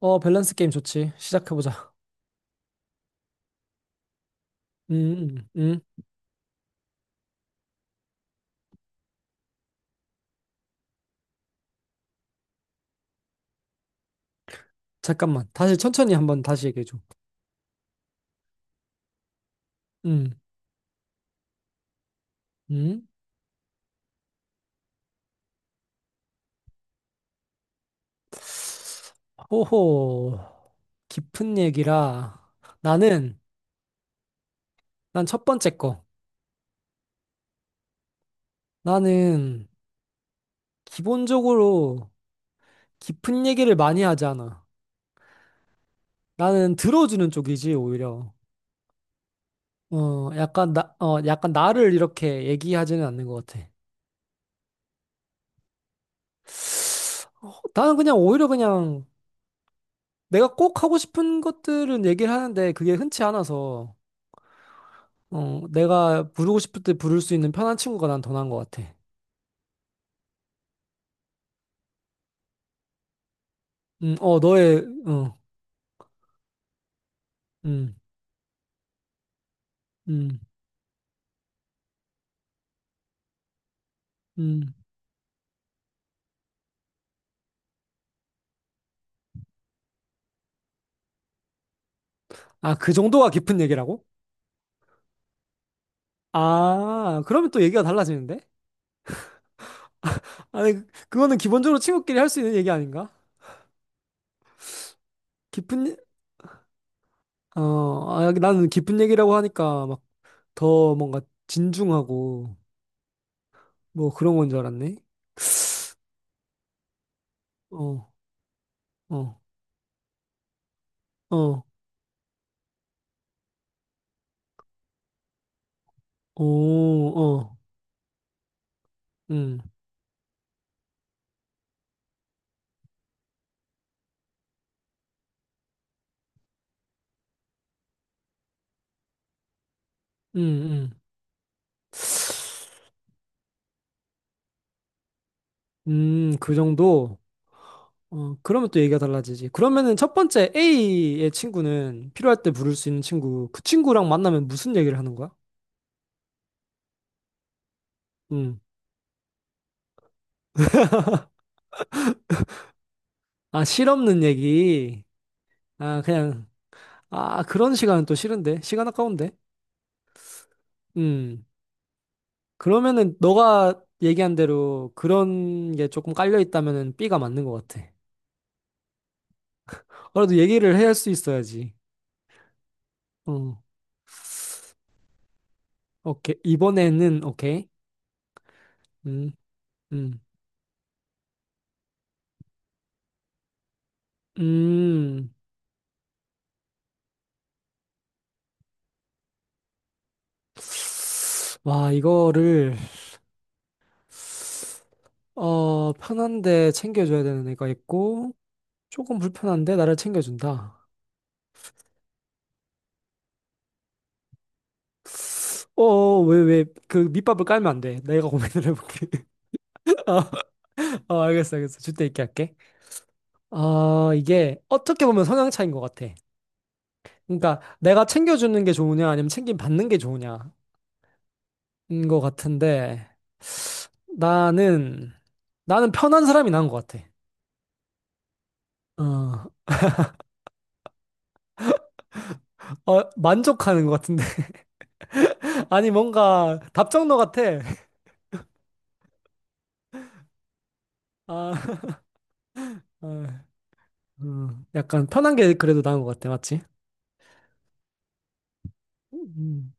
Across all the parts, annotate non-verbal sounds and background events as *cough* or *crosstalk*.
어, 밸런스 게임 좋지. 시작해보자. 음, 음, 음. 잠깐만. 다시 천천히 한번 다시 얘기해줘. 음, 음. 호호. 깊은 얘기라. 나는, 난 첫 번째 거. 나는, 기본적으로, 깊은 얘기를 많이 하지 않아. 나는 들어주는 쪽이지, 오히려. 약간, 약간 나를 이렇게 얘기하지는 않는 것 같아. 나는 내가 꼭 하고 싶은 것들은 얘기를 하는데, 그게 흔치 않아서. 내가 부르고 싶을 때 부를 수 있는 편한 친구가 난 더 나은 것 같아. 너의, 어, 음, 음, 음. 아, 그 정도가 깊은 얘기라고? 아, 그러면 또 얘기가 달라지는데? 아니, 그거는 기본적으로 친구끼리 할 수 있는 얘기 아닌가? 깊은, 얘- 어, 아, 나는 깊은 얘기라고 하니까 막 더 뭔가 진중하고 뭐 그런 건 줄 알았네. 어, 어, 어, 오, 어, 음, 음, 음, 그 정도? 어, 그러면 또 얘기가 달라지지. 그러면은 첫 번째 A의 친구는 필요할 때 부를 수 있는 친구. 그 친구랑 만나면 무슨 얘기를 하는 거야? 음. 아, 실없는 얘기. 아, 그냥, 아, 그런 시간은 또 싫은데. 시간 아까운데. 음. 그러면은 너가 얘기한 대로 그런 게 조금 깔려 있다면은 B가 맞는 것 같아. 그래도 얘기를 해야 할 수 있어야지. 어, 오케이. 오케이. 음, 음, 음. 와, 이거를. 어, 편한데 챙겨줘야 되는 애가 있고, 조금 불편한데 나를 챙겨준다. 어, 어, 왜, 그 밑밥을 깔면 안 돼. 내가 고민을 해볼게. *laughs* 어, 알겠어. 줄 때 있게 할게. 아, 이게 어떻게 보면 성향 차이인 것 같아. 그러니까 내가 챙겨주는 게 좋으냐, 아니면 챙김 받는 게 좋으냐인 것 같은데, 나는, 나는 편한 사람이 나은 것 같아. 어, 어, 만족하는 것 같은데. *laughs* 아니, 뭔가 답정너 같아. *laughs* 아, *laughs* 어. 약간 편한 게 그래도 나은 것 같아, 맞지? 음,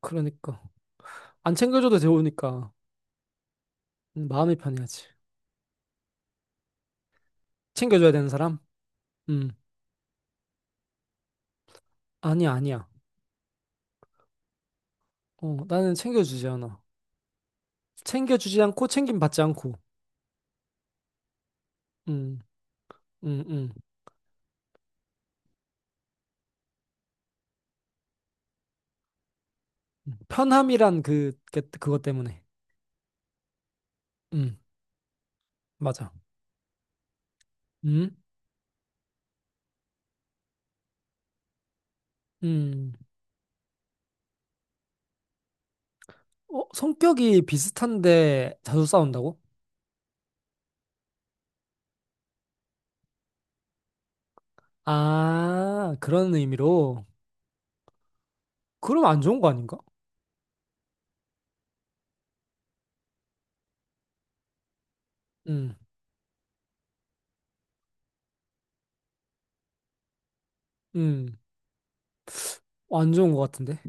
그러니까. 안 챙겨줘도 좋으니까 마음이 편해야지. 챙겨줘야 되는 사람? 음, 아니야. 어, 나는 챙겨주지 않아. 챙겨주지 않고 챙김 받지 않고. 음, 음, 음. 음. 편함이란 게 그것 때문에. 음, 맞아. 음, 음. 어, 성격이 비슷한데 자주 싸운다고? 아, 그런 의미로. 그럼 안 좋은 거 아닌가? 음, 음. 안 좋은 것 같은데.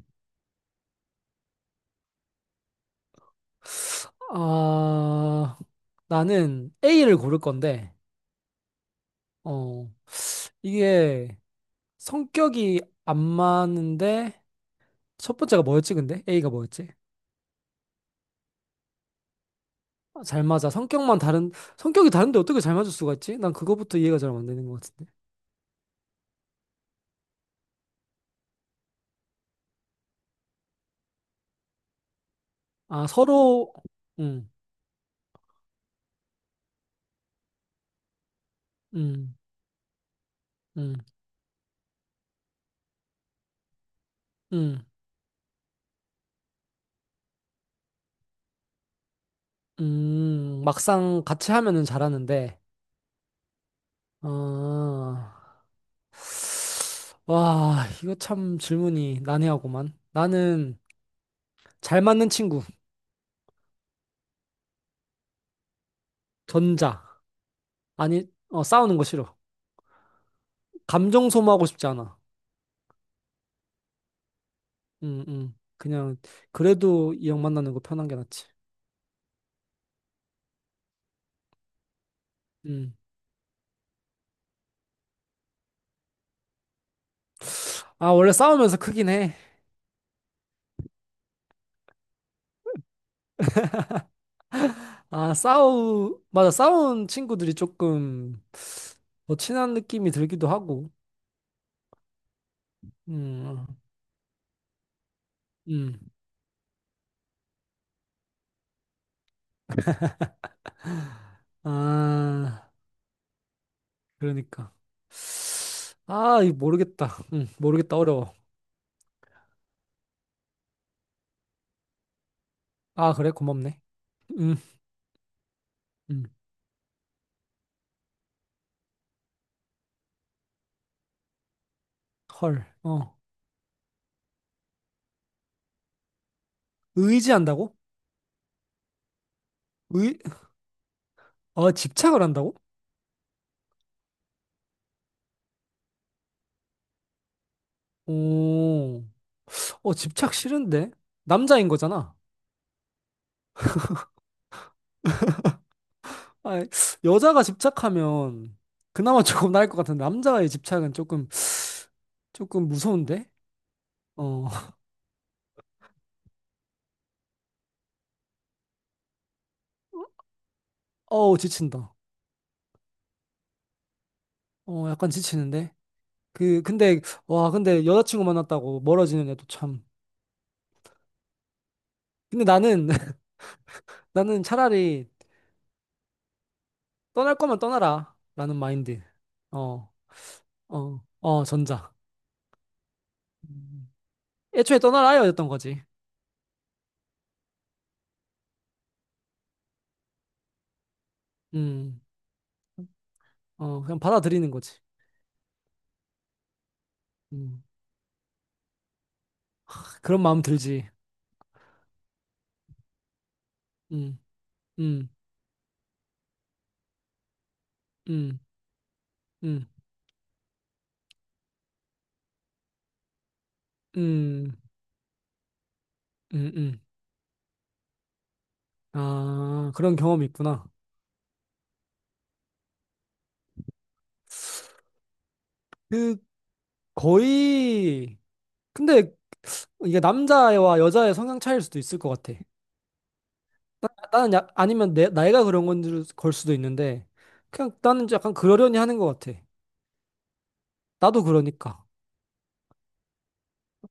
아, 나는 A를 고를 건데, 어, 이게 성격이 안 맞는데, 첫 번째가 뭐였지, 근데? A가 뭐였지? 아, 잘 맞아. 성격이 다른데 어떻게 잘 맞을 수가 있지? 난 그거부터 이해가 잘 안 되는 것 같은데. 아, 서로, 음, 음, 음, 음, 막상 같이 하면은 잘하는데, 아, 와, 이거 참 질문이 난해하구만. 나는 잘 맞는 친구. 전자. 아니, 어, 싸우는 거 싫어. 감정 소모하고 싶지 않아. 음, 음. 그냥, 그래도 이 형 만나는 거 편한 게 낫지. 음. 아, 원래 싸우면서 크긴 해. 맞아. 싸운 친구들이 조금 더 친한 느낌이 들기도 하고. 음, 음. 아, 그러니까. 아, 이거 모르겠다. 모르겠다. 어려워. 아, 그래? 고맙네. 음, 음. 헐. 어. 의지한다고? 의, 어, 집착을 한다고? 오. 어, 집착 싫은데? 남자인 거잖아. 아, 여자가 집착하면 그나마 *laughs* 조금 나을 것 같은데 남자의 집착은 조금 무서운데? 어, *laughs* 어우 지친다. 어, 약간 지치는데. 그 근데 와, 근데 여자친구 만났다고 멀어지는 애도 참. 근데 나는 *laughs* 나는 차라리 떠날 거면 떠나라라는 마인드. 어, 전자. 음. 애초에 떠나라 였던 거지. 음, 어, 그냥 받아들이는 거지. 음, 그런 마음 들지. 음, 음. 음. 음, 음, 음, 음. 아, 그런 경험이 있구나. 그, 거의, 근데 이게 남자와 여자의 성향 차이일 수도 있을 것 같아. 나는 야, 아니면 나이가 그런 건 걸 수도 있는데, 그냥 나는 약간 그러려니 하는 것 같아. 나도 그러니까.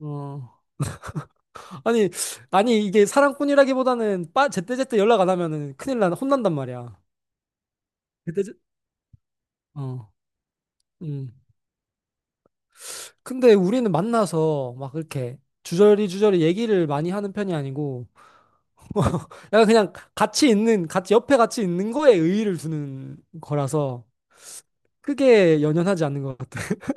어. 아니, 아니, 이게 사랑꾼이라기보다는 제때제때 연락 안 하면은 큰일 나, 혼난단 말이야. 제때제, 어, 음. 근데 우리는 만나서 막 이렇게 주저리주저리 얘기를 많이 하는 편이 아니고, *laughs* 약간 그냥 같이 옆에 같이 있는 거에 의의를 두는 거라서 크게 연연하지 않는 것 같아. *laughs*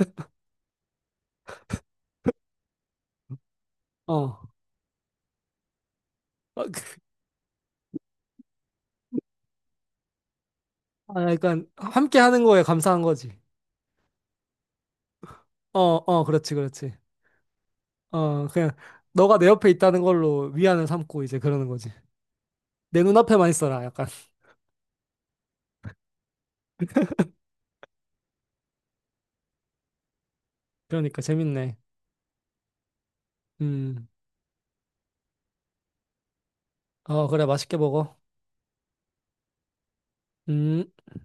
어. 어, 그- 아, 약간 함께 하는 거에 감사한 거지. 어, 어, 그렇지, 그렇지. 어, 그냥 너가 내 옆에 있다는 걸로 위안을 삼고 이제 그러는 거지. 내 눈앞에만 있어라, 약간. *laughs* 그러니까 재밌네. 음. 어, 그래, 맛있게 먹어. 음.